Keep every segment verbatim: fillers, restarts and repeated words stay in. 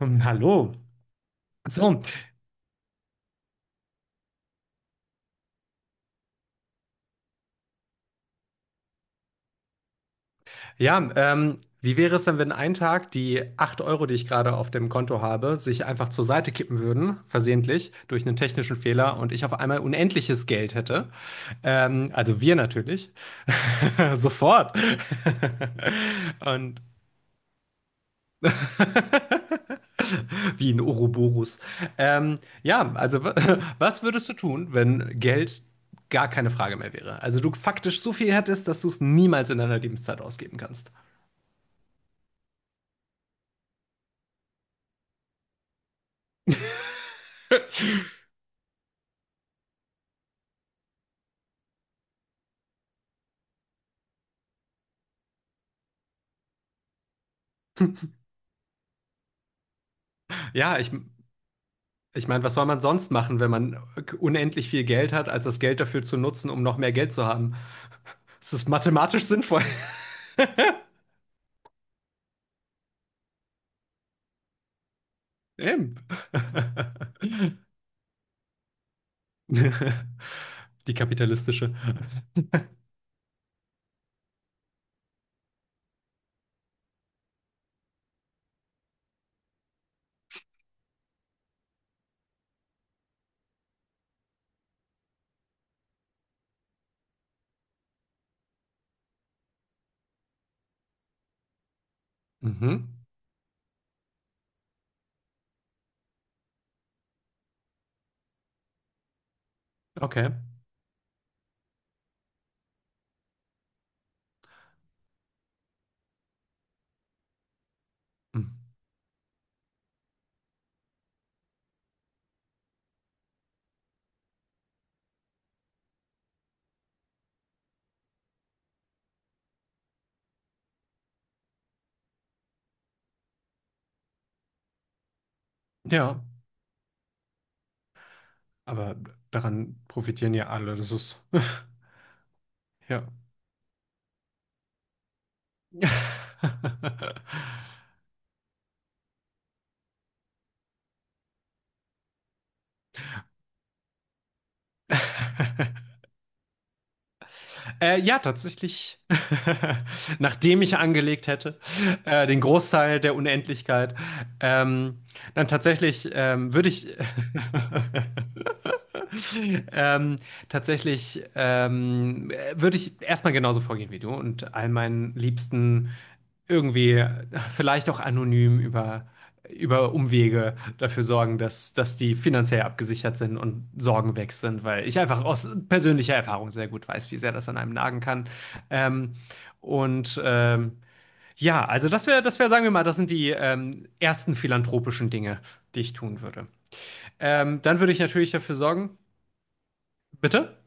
Hm, Hallo. So, ja, ähm, wie wäre es denn, wenn ein Tag die acht Euro, die ich gerade auf dem Konto habe, sich einfach zur Seite kippen würden, versehentlich, durch einen technischen Fehler und ich auf einmal unendliches Geld hätte? Ähm, also wir natürlich. Sofort. Und wie ein Ouroboros. Ähm, ja, also wa- was würdest du tun, wenn Geld gar keine Frage mehr wäre? Also du faktisch so viel hättest, dass du es niemals in deiner Lebenszeit ausgeben kannst. Ja, ich, ich meine, was soll man sonst machen, wenn man unendlich viel Geld hat, als das Geld dafür zu nutzen, um noch mehr Geld zu haben? Es ist mathematisch sinnvoll. Eben. Die kapitalistische. Mhm. Okay. Hm. Ja. Aber daran profitieren ja alle. Das ist, ja. Äh, ja, tatsächlich. Nachdem ich angelegt hätte, äh, den Großteil der Unendlichkeit, ähm, dann tatsächlich ähm, würde ich ähm, tatsächlich ähm, würde ich erstmal genauso vorgehen wie du und all meinen Liebsten irgendwie vielleicht auch anonym über über Umwege dafür sorgen, dass, dass die finanziell abgesichert sind und Sorgen weg sind, weil ich einfach aus persönlicher Erfahrung sehr gut weiß, wie sehr das an einem nagen kann. Ähm, und ähm, ja, also das wäre, das wäre, sagen wir mal, das sind die ähm, ersten philanthropischen Dinge, die ich tun würde. Ähm, dann würde ich natürlich dafür sorgen, bitte?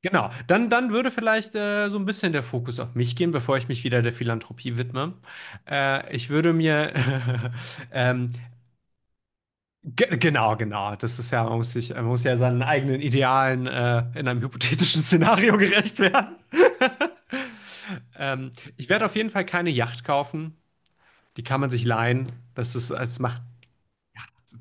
Genau, dann, dann würde vielleicht äh, so ein bisschen der Fokus auf mich gehen, bevor ich mich wieder der Philanthropie widme. Äh, ich würde mir ähm, Ge- Genau, genau. Das ist ja, man muss sich, man muss ja seinen eigenen Idealen äh, in einem hypothetischen Szenario gerecht werden. ähm, Ich werde auf jeden Fall keine Yacht kaufen. Die kann man sich leihen. Das ist, das macht,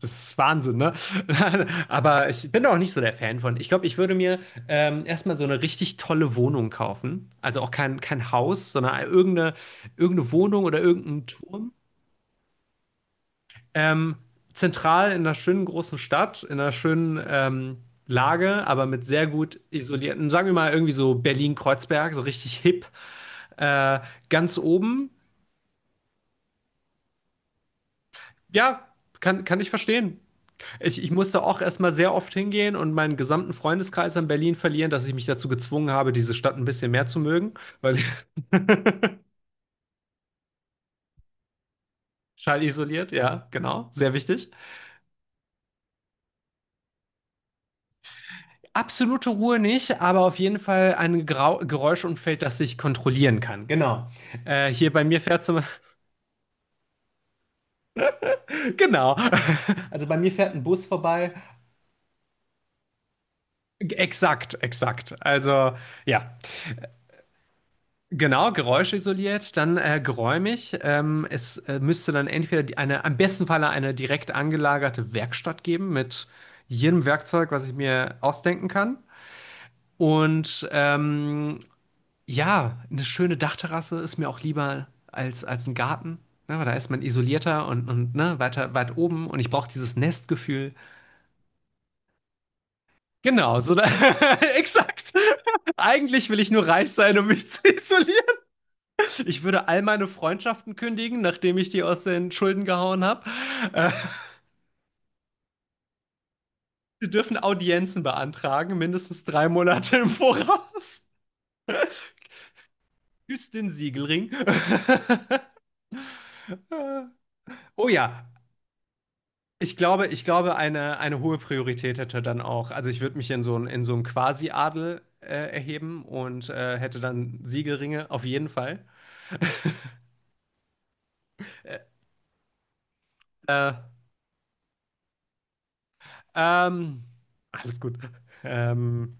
das ist Wahnsinn, ne? Aber ich bin da auch nicht so der Fan von. Ich glaube, ich würde mir ähm, erstmal so eine richtig tolle Wohnung kaufen. Also auch kein, kein Haus, sondern irgendeine, irgendeine Wohnung oder irgendein Turm. Ähm, Zentral in einer schönen großen Stadt, in einer schönen ähm, Lage, aber mit sehr gut isolierten, sagen wir mal irgendwie so Berlin-Kreuzberg, so richtig hip, äh, ganz oben. Ja, kann, kann ich verstehen. Ich, ich musste auch erstmal sehr oft hingehen und meinen gesamten Freundeskreis in Berlin verlieren, dass ich mich dazu gezwungen habe, diese Stadt ein bisschen mehr zu mögen, weil schallisoliert, ja, genau, sehr wichtig. Absolute Ruhe nicht, aber auf jeden Fall ein Grau Geräuschumfeld, das ich kontrollieren kann. Genau. Äh, hier bei mir fährt zum genau. Also bei mir fährt ein Bus vorbei. G- Exakt, exakt. Also ja, genau. Geräuschisoliert, dann äh, geräumig. Ähm, es äh, müsste dann entweder die- eine, am besten Falle eine direkt angelagerte Werkstatt geben mit jedem Werkzeug, was ich mir ausdenken kann. Und ähm, ja, eine schöne Dachterrasse ist mir auch lieber als, als ein Garten. Ne, weil da ist man isolierter und, und ne, weiter, weit oben und ich brauche dieses Nestgefühl. Genau, so da, exakt. Eigentlich will ich nur reich sein, um mich zu isolieren. Ich würde all meine Freundschaften kündigen, nachdem ich die aus den Schulden gehauen habe. Äh, Sie dürfen Audienzen beantragen, mindestens drei Monate im Voraus. Küsst den Siegelring. Oh ja, ich glaube, ich glaube, eine, eine hohe Priorität hätte dann auch, also ich würde mich in so einen in so einen Quasi-Adel äh, erheben und äh, hätte dann Siegelringe, auf jeden Fall. Äh, ähm, Alles gut. Ähm,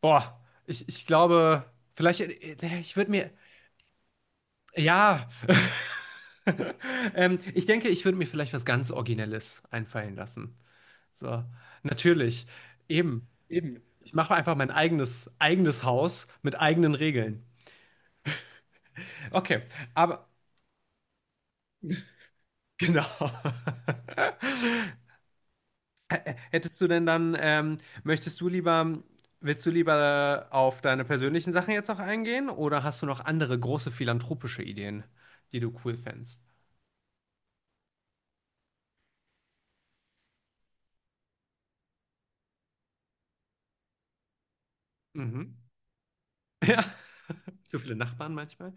Boah, ich, ich glaube, vielleicht, äh, äh, ich würde mir, ja, ähm, ich denke, ich würde mir vielleicht was ganz Originelles einfallen lassen. So, natürlich, eben, eben. Ich mache einfach mein eigenes, eigenes Haus mit eigenen Regeln. Okay, aber. Genau. Hättest du denn dann, ähm, möchtest du lieber, willst du lieber auf deine persönlichen Sachen jetzt noch eingehen oder hast du noch andere große philanthropische Ideen, die du cool fändest? Mhm. Ja, zu viele Nachbarn manchmal.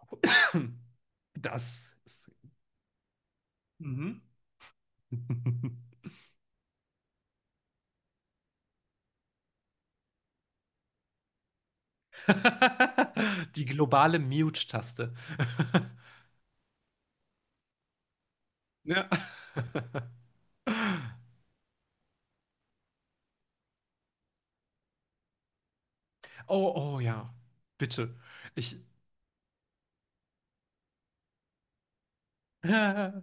Das ist. Mhm. Die globale Mute-Taste. Ja. Oh, oh ja. Bitte. Ich. Viel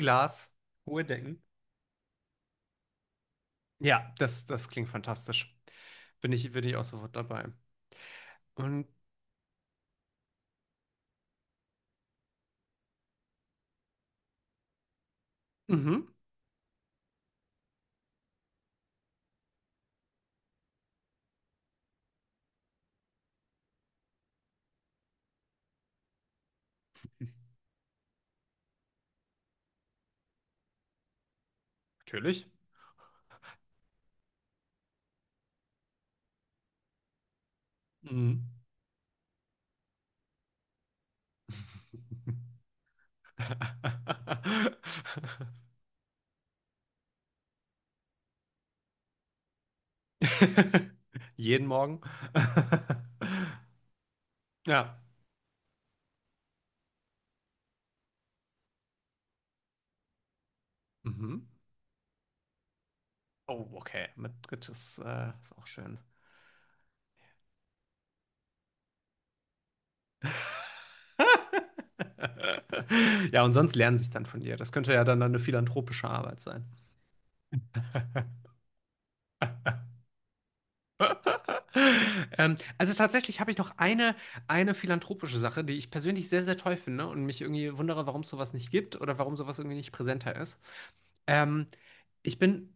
Glas, hohe Decken. Ja, das, das klingt fantastisch. Bin ich, bin ich auch sofort dabei. Und, mhm, natürlich. Mhm. Jeden Morgen. Ja. Mhm. Oh, okay. Mit Grit ist, äh, ist auch schön. Ja, und sonst lernen sie es dann von dir. Das könnte ja dann eine philanthropische Arbeit sein. Ähm, also tatsächlich habe ich noch eine, eine philanthropische Sache, die ich persönlich sehr, sehr toll finde und mich irgendwie wundere, warum es sowas nicht gibt oder warum sowas irgendwie nicht präsenter ist. Ähm, Ich bin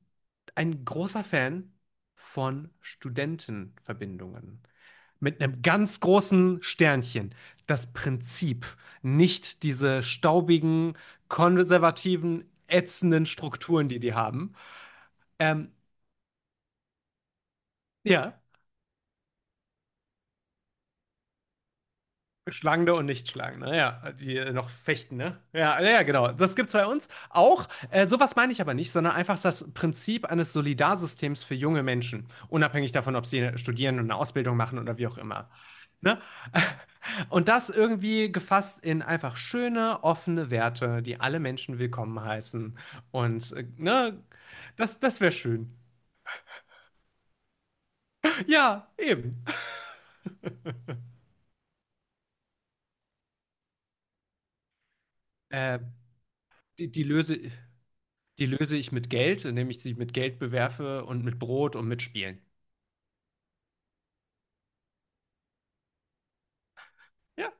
ein großer Fan von Studentenverbindungen. Mit einem ganz großen Sternchen. Das Prinzip. Nicht diese staubigen, konservativen, ätzenden Strukturen, die die haben. Ähm, ja. Schlagende und Nichtschlagende, ja, die äh, noch fechten, ne? Ja, ja, ja, genau. Das gibt's bei uns auch. Äh, sowas meine ich aber nicht, sondern einfach das Prinzip eines Solidarsystems für junge Menschen, unabhängig davon, ob sie studieren und eine Ausbildung machen oder wie auch immer. Ne? Und das irgendwie gefasst in einfach schöne, offene Werte, die alle Menschen willkommen heißen. Und äh, ne, das, das wäre schön. Ja, eben. Äh, die, die Löse, Die löse ich mit Geld, indem ich sie mit Geld bewerfe und mit Brot und mit Spielen. Ja,